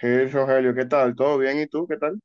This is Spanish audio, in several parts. Hey, Rogelio, ¿qué tal? ¿Todo bien? ¿Y tú? ¿Qué tal?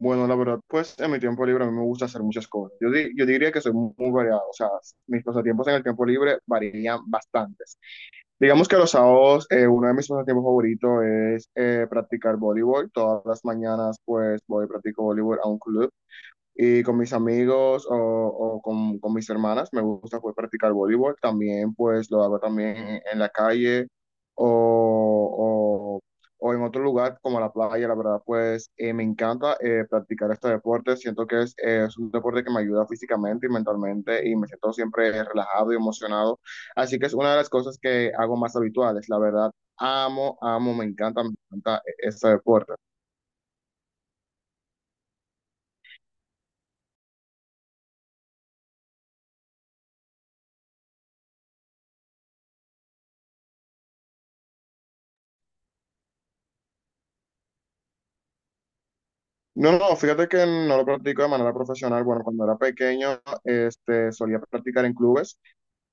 Bueno, la verdad, pues en mi tiempo libre a mí me gusta hacer muchas cosas. Yo diría que soy muy, muy variado, o sea, mis pasatiempos en el tiempo libre varían bastantes. Digamos que los sábados, uno de mis pasatiempos favoritos es practicar voleibol. Todas las mañanas, pues voy y practico voleibol a un club. Y con mis amigos o con mis hermanas me gusta pues practicar voleibol. También pues lo hago también en la calle o, o- o en otro lugar como la playa. La verdad pues me encanta practicar este deporte. Siento que es un deporte que me ayuda físicamente y mentalmente y me siento siempre relajado y emocionado. Así que es una de las cosas que hago más habituales. La verdad amo, amo, me encanta e-, este deporte. No, no, fíjate que no lo practico de manera profesional. Bueno, cuando era pequeño, este, solía practicar en clubes,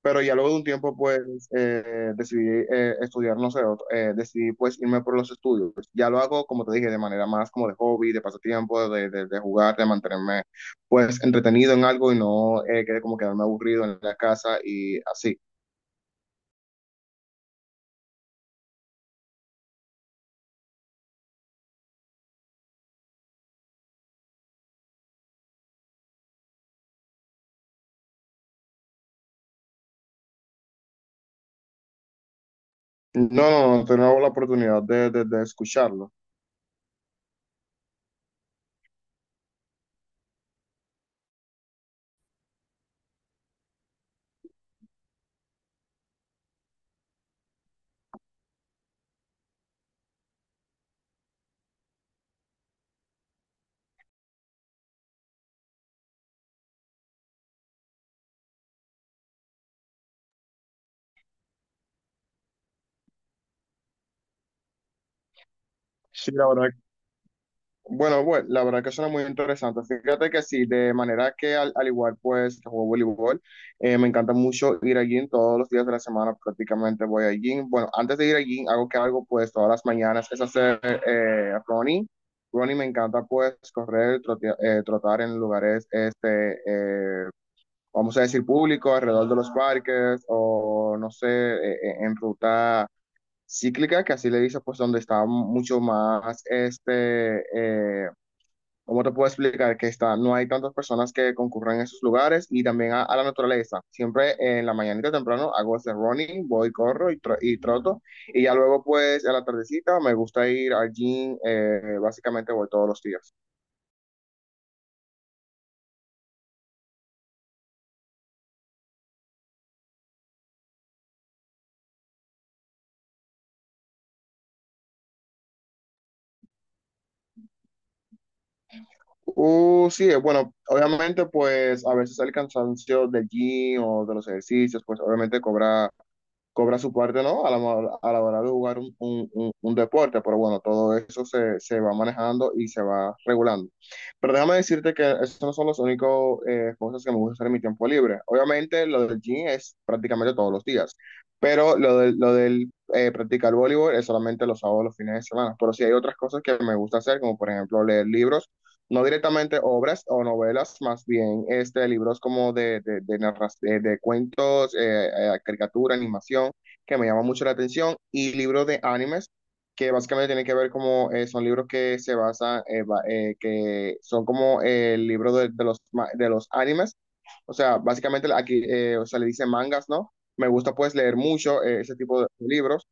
pero ya luego de un tiempo, pues, decidí estudiar, no sé, decidí, pues, irme por los estudios. Ya lo hago, como te dije, de manera más como de hobby, de pasatiempo, de jugar, de mantenerme, pues, entretenido en algo y no que como quedarme aburrido en la casa y así. No, no, no, tengo la oportunidad de escucharlo. Sí, la verdad. Bueno, la verdad que suena muy interesante. Fíjate que sí, de manera que al igual pues que juego voleibol, me encanta mucho ir al gym todos los días de la semana, prácticamente voy al gym. Bueno, antes de ir al gym, algo que hago pues todas las mañanas es hacer running. Running me encanta pues correr, trotar en lugares, este, vamos a decir, públicos, alrededor de los parques o no sé, en ruta cíclica, que así le dice pues donde está mucho más ¿cómo te puedo explicar? Que está, no hay tantas personas que concurran a esos lugares y también a la naturaleza. Siempre en la mañanita temprano hago ese running, voy, corro y troto y ya luego pues a la tardecita me gusta ir al gym, básicamente voy todos los días. Sí, bueno, obviamente pues a veces el cansancio del gym o de los ejercicios pues obviamente cobra su parte, ¿no? A a la hora de jugar un deporte, pero bueno, todo eso se va manejando y se va regulando. Pero déjame decirte que esos no son los únicos cosas que me gusta hacer en mi tiempo libre. Obviamente, lo del gym es prácticamente todos los días, pero lo del practicar voleibol es solamente los sábados, los fines de semana. Pero sí hay otras cosas que me gusta hacer, como por ejemplo leer libros, no directamente obras o novelas, más bien este, libros como de cuentos, caricatura, animación, que me llama mucho la atención, y libros de animes, que básicamente tienen que ver como, son libros que se basan, que son como el libro de los animes, o sea, básicamente aquí, o sea, le dicen mangas, ¿no? Me gusta pues leer mucho ese tipo de libros.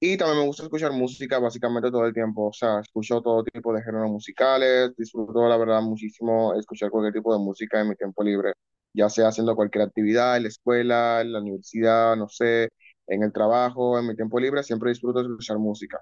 Y también me gusta escuchar música básicamente todo el tiempo, o sea, escucho todo tipo de géneros musicales, disfruto la verdad muchísimo escuchar cualquier tipo de música en mi tiempo libre, ya sea haciendo cualquier actividad, en la escuela, en la universidad, no sé, en el trabajo, en mi tiempo libre, siempre disfruto escuchar música.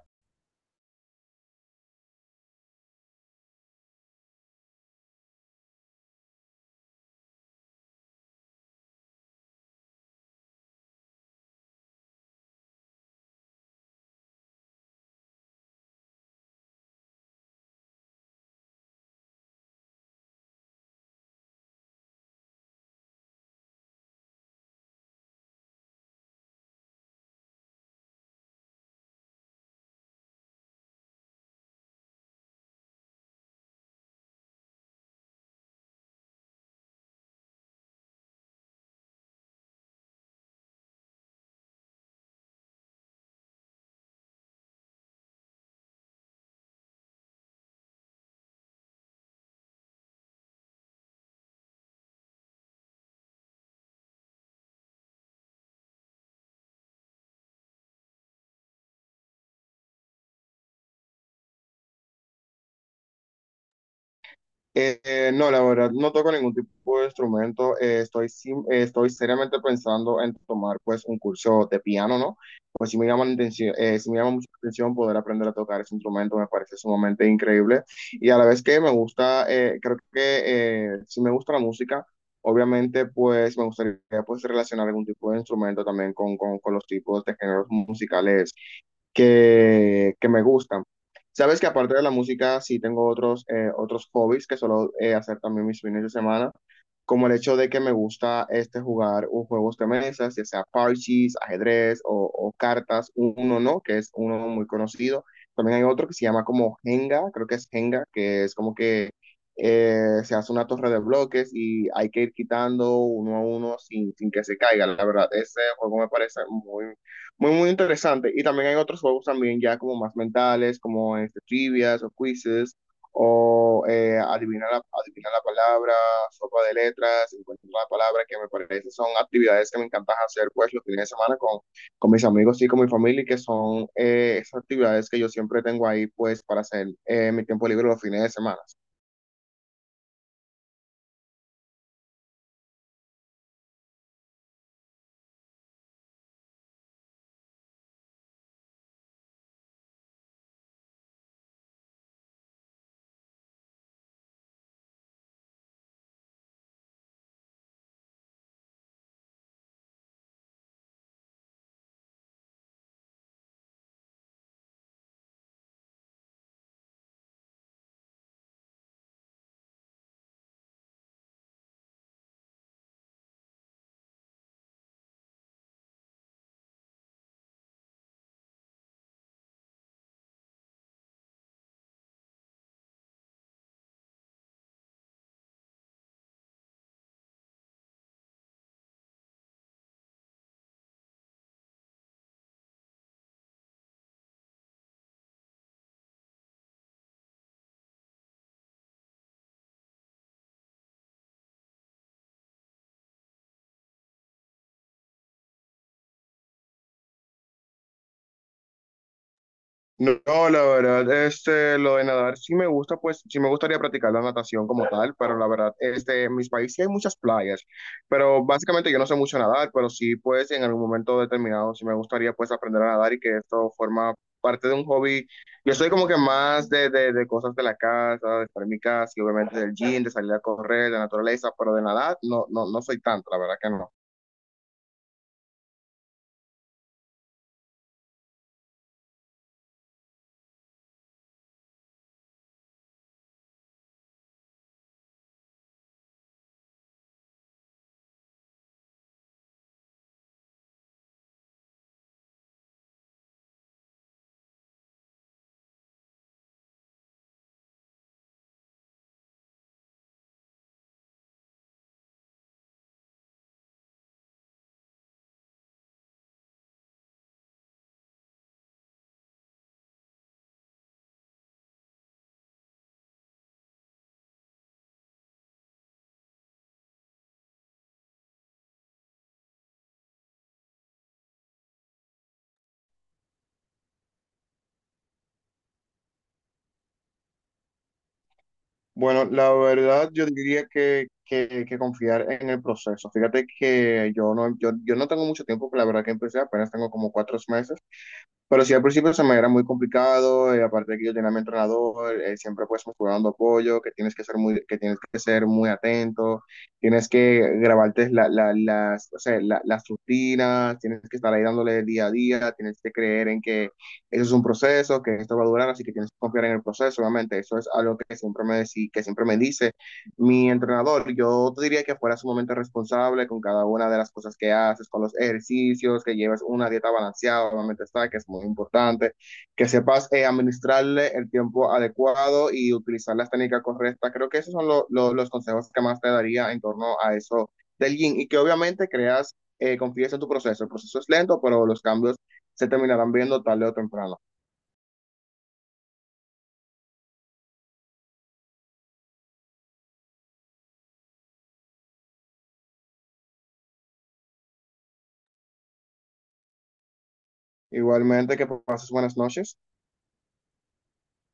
No, la verdad, no toco ningún tipo de instrumento. Estoy seriamente pensando en tomar pues un curso de piano, ¿no? Pues si me llama la atención, sí me llama mucho la atención poder aprender a tocar ese instrumento, me parece sumamente increíble. Y a la vez que me gusta, creo que si me gusta la música, obviamente pues me gustaría pues relacionar algún tipo de instrumento también con los tipos de géneros musicales que me gustan. Sabes que aparte de la música, sí tengo otros, otros hobbies que suelo hacer también mis fines de semana, como el hecho de que me gusta este, jugar un juegos de mesas, ya sea parches, ajedrez o cartas, uno no, que es uno muy conocido. También hay otro que se llama como Jenga, creo que es Jenga, que es como que se hace una torre de bloques y hay que ir quitando uno a uno sin que se caiga. La verdad, ese juego me parece muy, muy, muy interesante. Y también hay otros juegos también ya como más mentales, como este, trivias o quizzes, o adivinar adivinar la palabra, sopa de letras, encuentro la palabra, que me parece son actividades que me encanta hacer pues los fines de semana con mis amigos y con mi familia, y que son esas actividades que yo siempre tengo ahí pues para hacer mi tiempo libre los fines de semana. No, no, la verdad, este, lo de nadar sí me gusta, pues sí me gustaría practicar la natación como tal, pero la verdad, este, en mis países sí hay muchas playas, pero básicamente yo no sé mucho nadar, pero sí, pues en algún momento determinado sí me gustaría pues aprender a nadar y que esto forma parte de un hobby. Yo soy como que más de cosas de la casa, de estar en mi casa y obviamente del gym, de salir a correr, de naturaleza, pero de nadar no, no, no soy tanto, la verdad que no. Bueno, la verdad yo diría que confiar en el proceso. Fíjate que yo no, yo no tengo mucho tiempo, que la verdad que empecé apenas tengo como cuatro meses. Pero sí, al principio se me era muy complicado, aparte de que yo tenía a mi entrenador, siempre pues me estuvo dando apoyo, que tienes que ser muy, que tienes que ser muy atento, tienes que grabarte las, o sea, las rutinas, tienes que estar ahí dándole día a día, tienes que creer en que eso es un proceso, que esto va a durar, así que tienes que confiar en el proceso, obviamente, eso es algo que siempre que siempre me dice mi entrenador. Yo te diría que fuera sumamente responsable con cada una de las cosas que haces, con los ejercicios, que lleves una dieta balanceada, obviamente está, que es muy importante, que sepas administrarle el tiempo adecuado y utilizar las técnicas correctas. Creo que esos son los consejos que más te daría en torno a eso del yin y que obviamente creas, confíes en tu proceso. El proceso es lento, pero los cambios se terminarán viendo tarde o temprano. Igualmente, que pases buenas noches.